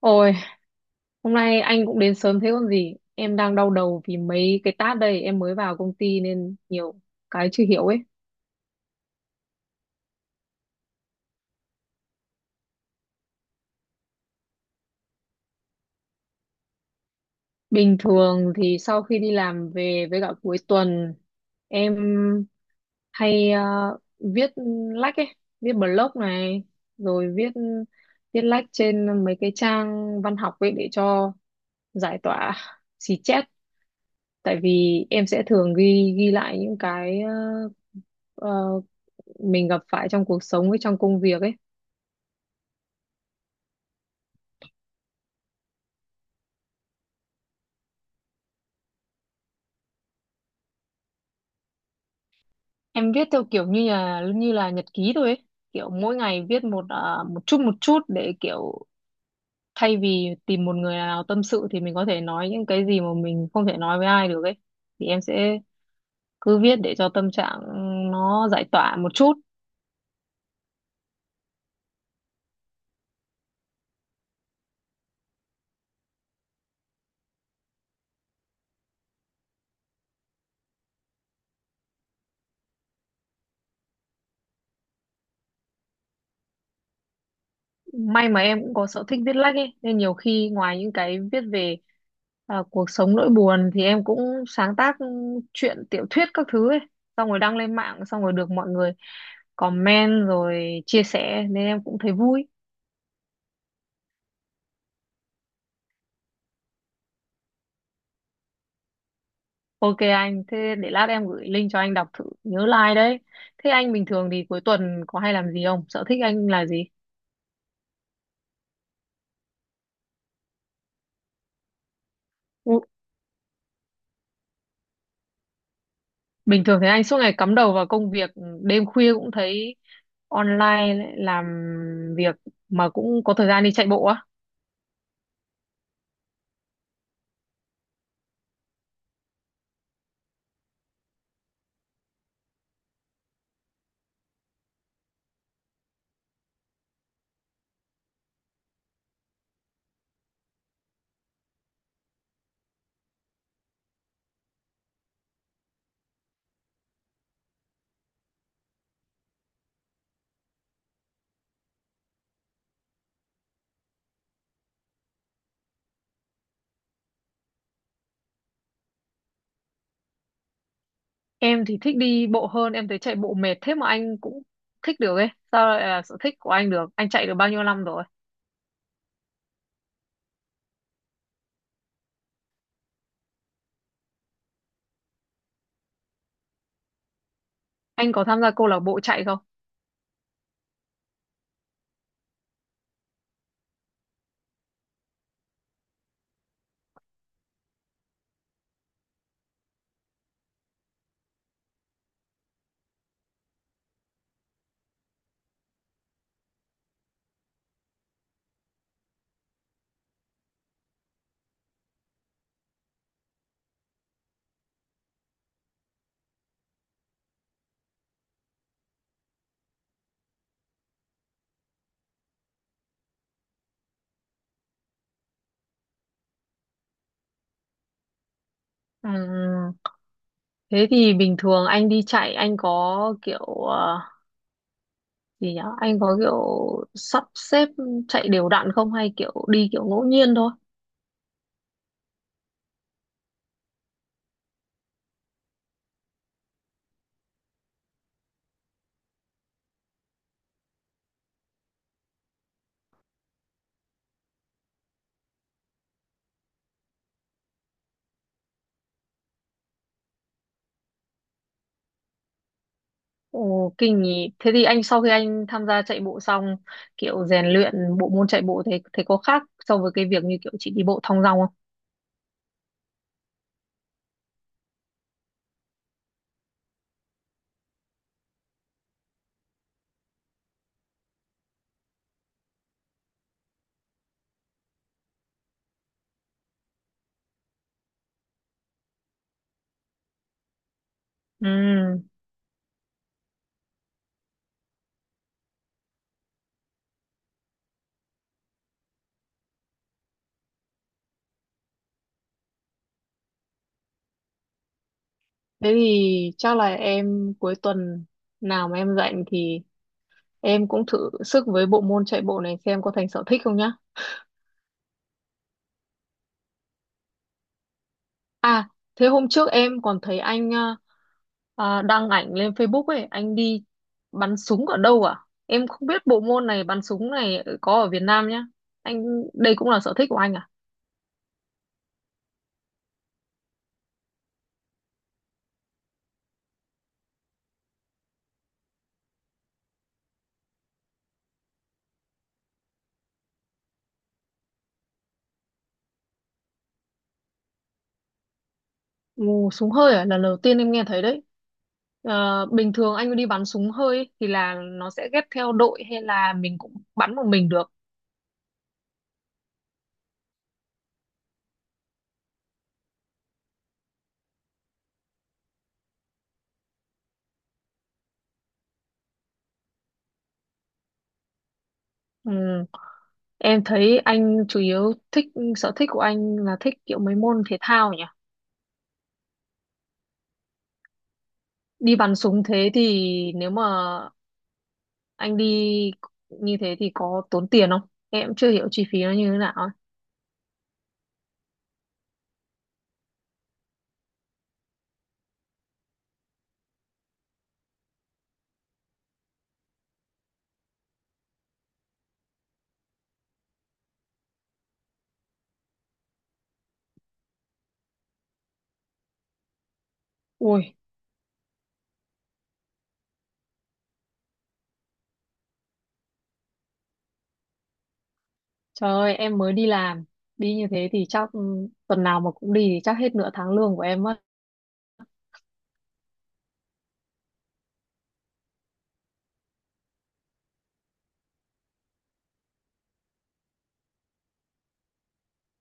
Ôi, hôm nay anh cũng đến sớm thế còn gì. Em đang đau đầu vì mấy cái task đây, em mới vào công ty nên nhiều cái chưa hiểu ấy. Bình thường thì sau khi đi làm về với cả cuối tuần, em hay viết lách ấy, viết blog này, rồi viết viết lách trên mấy cái trang văn học ấy để cho giải tỏa xì chét. Tại vì em sẽ thường ghi ghi lại những cái ờ, mình gặp phải trong cuộc sống với trong công việc ấy. Em viết theo kiểu như là nhật ký thôi ấy, kiểu mỗi ngày viết một chút để kiểu thay vì tìm một người nào tâm sự, thì mình có thể nói những cái gì mà mình không thể nói với ai được ấy, thì em sẽ cứ viết để cho tâm trạng nó giải tỏa một chút. May mà em cũng có sở thích viết lách ấy, nên nhiều khi ngoài những cái viết về cuộc sống, nỗi buồn thì em cũng sáng tác truyện, tiểu thuyết các thứ ấy, xong rồi đăng lên mạng, xong rồi được mọi người comment rồi chia sẻ nên em cũng thấy vui. OK anh, thế để lát em gửi link cho anh đọc thử, nhớ like đấy. Thế anh bình thường thì cuối tuần có hay làm gì không, sở thích anh là gì? Bình thường thấy anh suốt ngày cắm đầu vào công việc, đêm khuya cũng thấy online lại làm việc, mà cũng có thời gian đi chạy bộ á. Em thì thích đi bộ hơn, em thấy chạy bộ mệt thế mà anh cũng thích được ấy. Sao lại là sở thích của anh được? Anh chạy được bao nhiêu năm rồi? Anh có tham gia câu lạc bộ chạy không? Ừm, thế thì bình thường anh đi chạy anh có kiểu gì nhỉ? Anh có kiểu sắp xếp chạy đều đặn không hay kiểu đi kiểu ngẫu nhiên thôi? Ồ, kinh nhỉ. Thế thì anh sau khi anh tham gia chạy bộ xong, kiểu rèn luyện bộ môn chạy bộ thế thế có khác so với cái việc như kiểu chị đi bộ thong dong không? Ừ, thế thì chắc là em cuối tuần nào mà em rảnh thì em cũng thử sức với bộ môn chạy bộ này xem có thành sở thích không nhá. À, thế hôm trước em còn thấy anh đăng ảnh lên Facebook ấy, anh đi bắn súng ở đâu à? Em không biết bộ môn này, bắn súng này có ở Việt Nam nhá. Anh đây cũng là sở thích của anh à? Ồ, súng hơi à? Lần đầu tiên em nghe thấy đấy. Ờ, bình thường anh đi bắn súng hơi ấy, thì là nó sẽ ghép theo đội hay là mình cũng bắn một mình được. Ừ. Em thấy anh chủ yếu thích, sở thích của anh là thích kiểu mấy môn thể thao nhỉ? Đi bắn súng thế thì nếu mà anh đi như thế thì có tốn tiền không? Em chưa hiểu chi phí nó như thế nào ấy. Ui, trời ơi, em mới đi làm, đi như thế thì chắc ừ, tuần nào mà cũng đi thì chắc hết nửa tháng lương của em mất.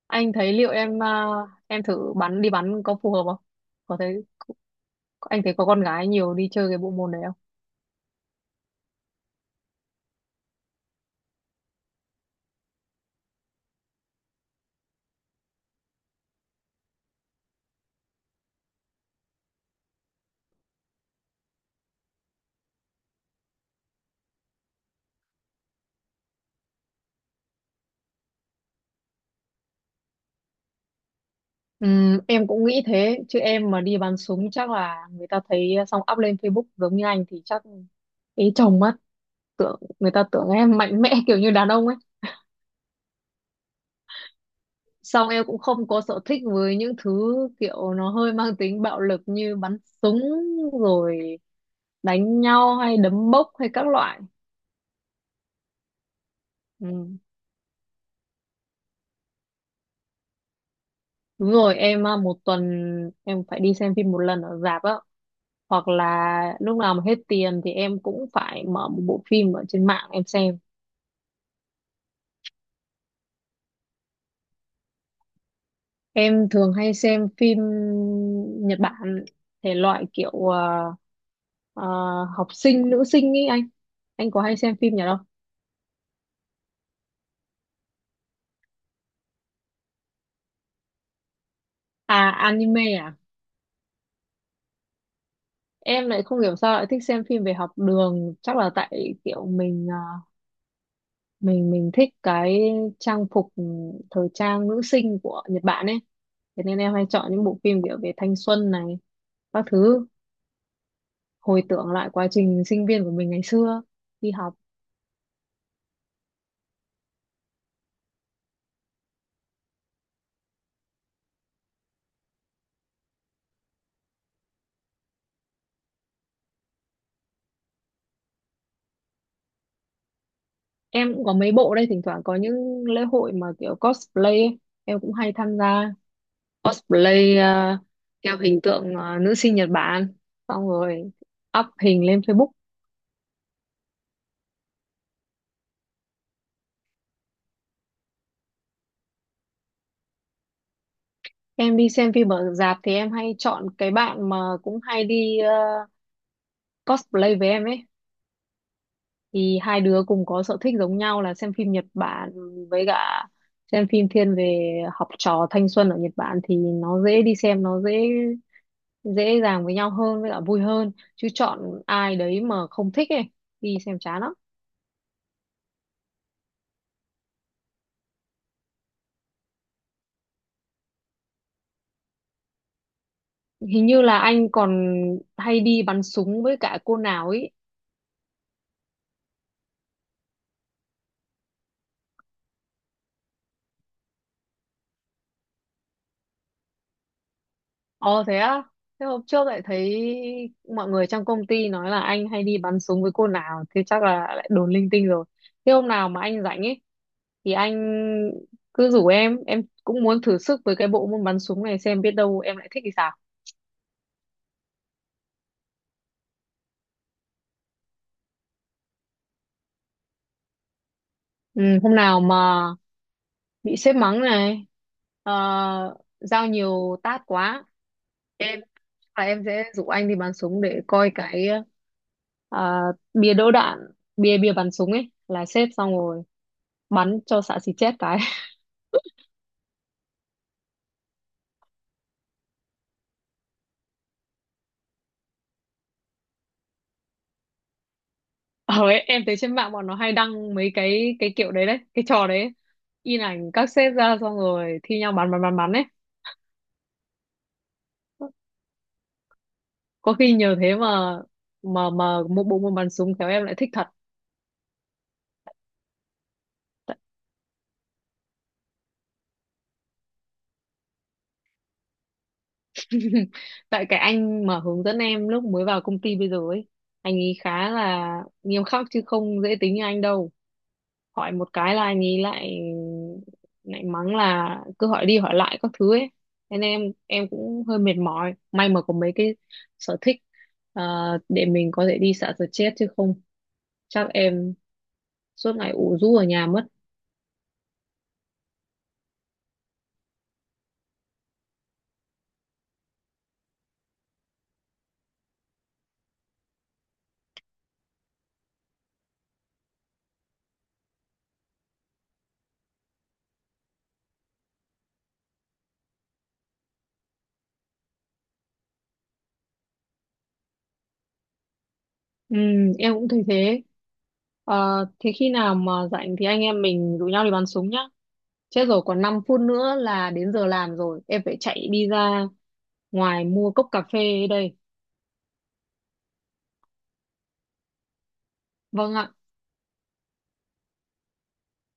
Anh thấy liệu em thử bắn, đi bắn có phù hợp không, có thấy, anh thấy có con gái nhiều đi chơi cái bộ môn đấy không? Em cũng nghĩ thế, chứ em mà đi bắn súng chắc là người ta thấy xong up lên Facebook giống như anh thì chắc ý chồng mất, tưởng, người ta tưởng em mạnh mẽ kiểu như đàn ông ấy. Xong em cũng không có sở thích với những thứ kiểu nó hơi mang tính bạo lực như bắn súng, rồi đánh nhau hay đấm bốc hay các loại. Ừm, Đúng rồi, một tuần em phải đi xem phim một lần ở rạp á. Hoặc là lúc nào mà hết tiền thì em cũng phải mở một bộ phim ở trên mạng em xem. Em thường hay xem phim Nhật Bản, thể loại kiểu à, học sinh, nữ sinh ý anh. Anh có hay xem phim nhà đâu? À, anime à? Em lại không hiểu sao lại thích xem phim về học đường. Chắc là tại kiểu mình thích cái trang phục, thời trang nữ sinh của Nhật Bản ấy, thế nên em hay chọn những bộ phim kiểu về thanh xuân này các thứ, hồi tưởng lại quá trình sinh viên của mình ngày xưa đi học. Em cũng có mấy bộ đây, thỉnh thoảng có những lễ hội mà kiểu cosplay ấy. Em cũng hay tham gia cosplay theo hình tượng nữ sinh Nhật Bản, xong rồi up hình lên Facebook. Em đi xem phim ở rạp thì em hay chọn cái bạn mà cũng hay đi cosplay với em ấy, thì hai đứa cùng có sở thích giống nhau là xem phim Nhật Bản, với cả xem phim thiên về học trò thanh xuân ở Nhật Bản, thì nó dễ đi xem, nó dễ dễ dàng với nhau hơn, với cả vui hơn, chứ chọn ai đấy mà không thích ấy đi xem chán lắm. Hình như là anh còn hay đi bắn súng với cả cô nào ấy. Ồ thế á, thế hôm trước lại thấy mọi người trong công ty nói là anh hay đi bắn súng với cô nào, thế chắc là lại đồn linh tinh rồi. Thế hôm nào mà anh rảnh ấy, thì anh cứ rủ em cũng muốn thử sức với cái bộ môn bắn súng này xem biết đâu em lại thích thì sao. Ừ, hôm nào mà bị sếp mắng này, ờ, giao nhiều task quá, em chắc là em sẽ rủ anh đi bắn súng để coi cái ờ, bia đỡ đạn, bia bia bắn súng ấy là xếp, xong rồi bắn cho xạ xì chết cái. Ờ ấy, em thấy trên mạng bọn nó hay đăng mấy cái kiểu đấy đấy cái trò đấy ấy. In ảnh các sếp ra xong rồi thi nhau bắn bắn bắn bắn ấy. Có khi nhờ thế mà một bộ môn bắn súng khéo em lại thích thật. tại, tại cái anh mà hướng dẫn em lúc mới vào công ty bây giờ ấy, anh ấy khá là nghiêm khắc, chứ không dễ tính như anh đâu. Hỏi một cái là anh ấy lại lại mắng là cứ hỏi đi hỏi lại các thứ ấy, thế nên em cũng hơi mệt mỏi, may mà có mấy cái sở thích ờ, để mình có thể đi xả stress, chứ không chắc em suốt ngày ủ rũ ở nhà mất. Ừ, em cũng thấy thế. Ờ, thế khi nào mà rảnh thì anh em mình rủ nhau đi bắn súng nhá. Chết rồi, còn 5 phút nữa là đến giờ làm rồi, em phải chạy đi ra ngoài mua cốc cà phê đây. Vâng ạ.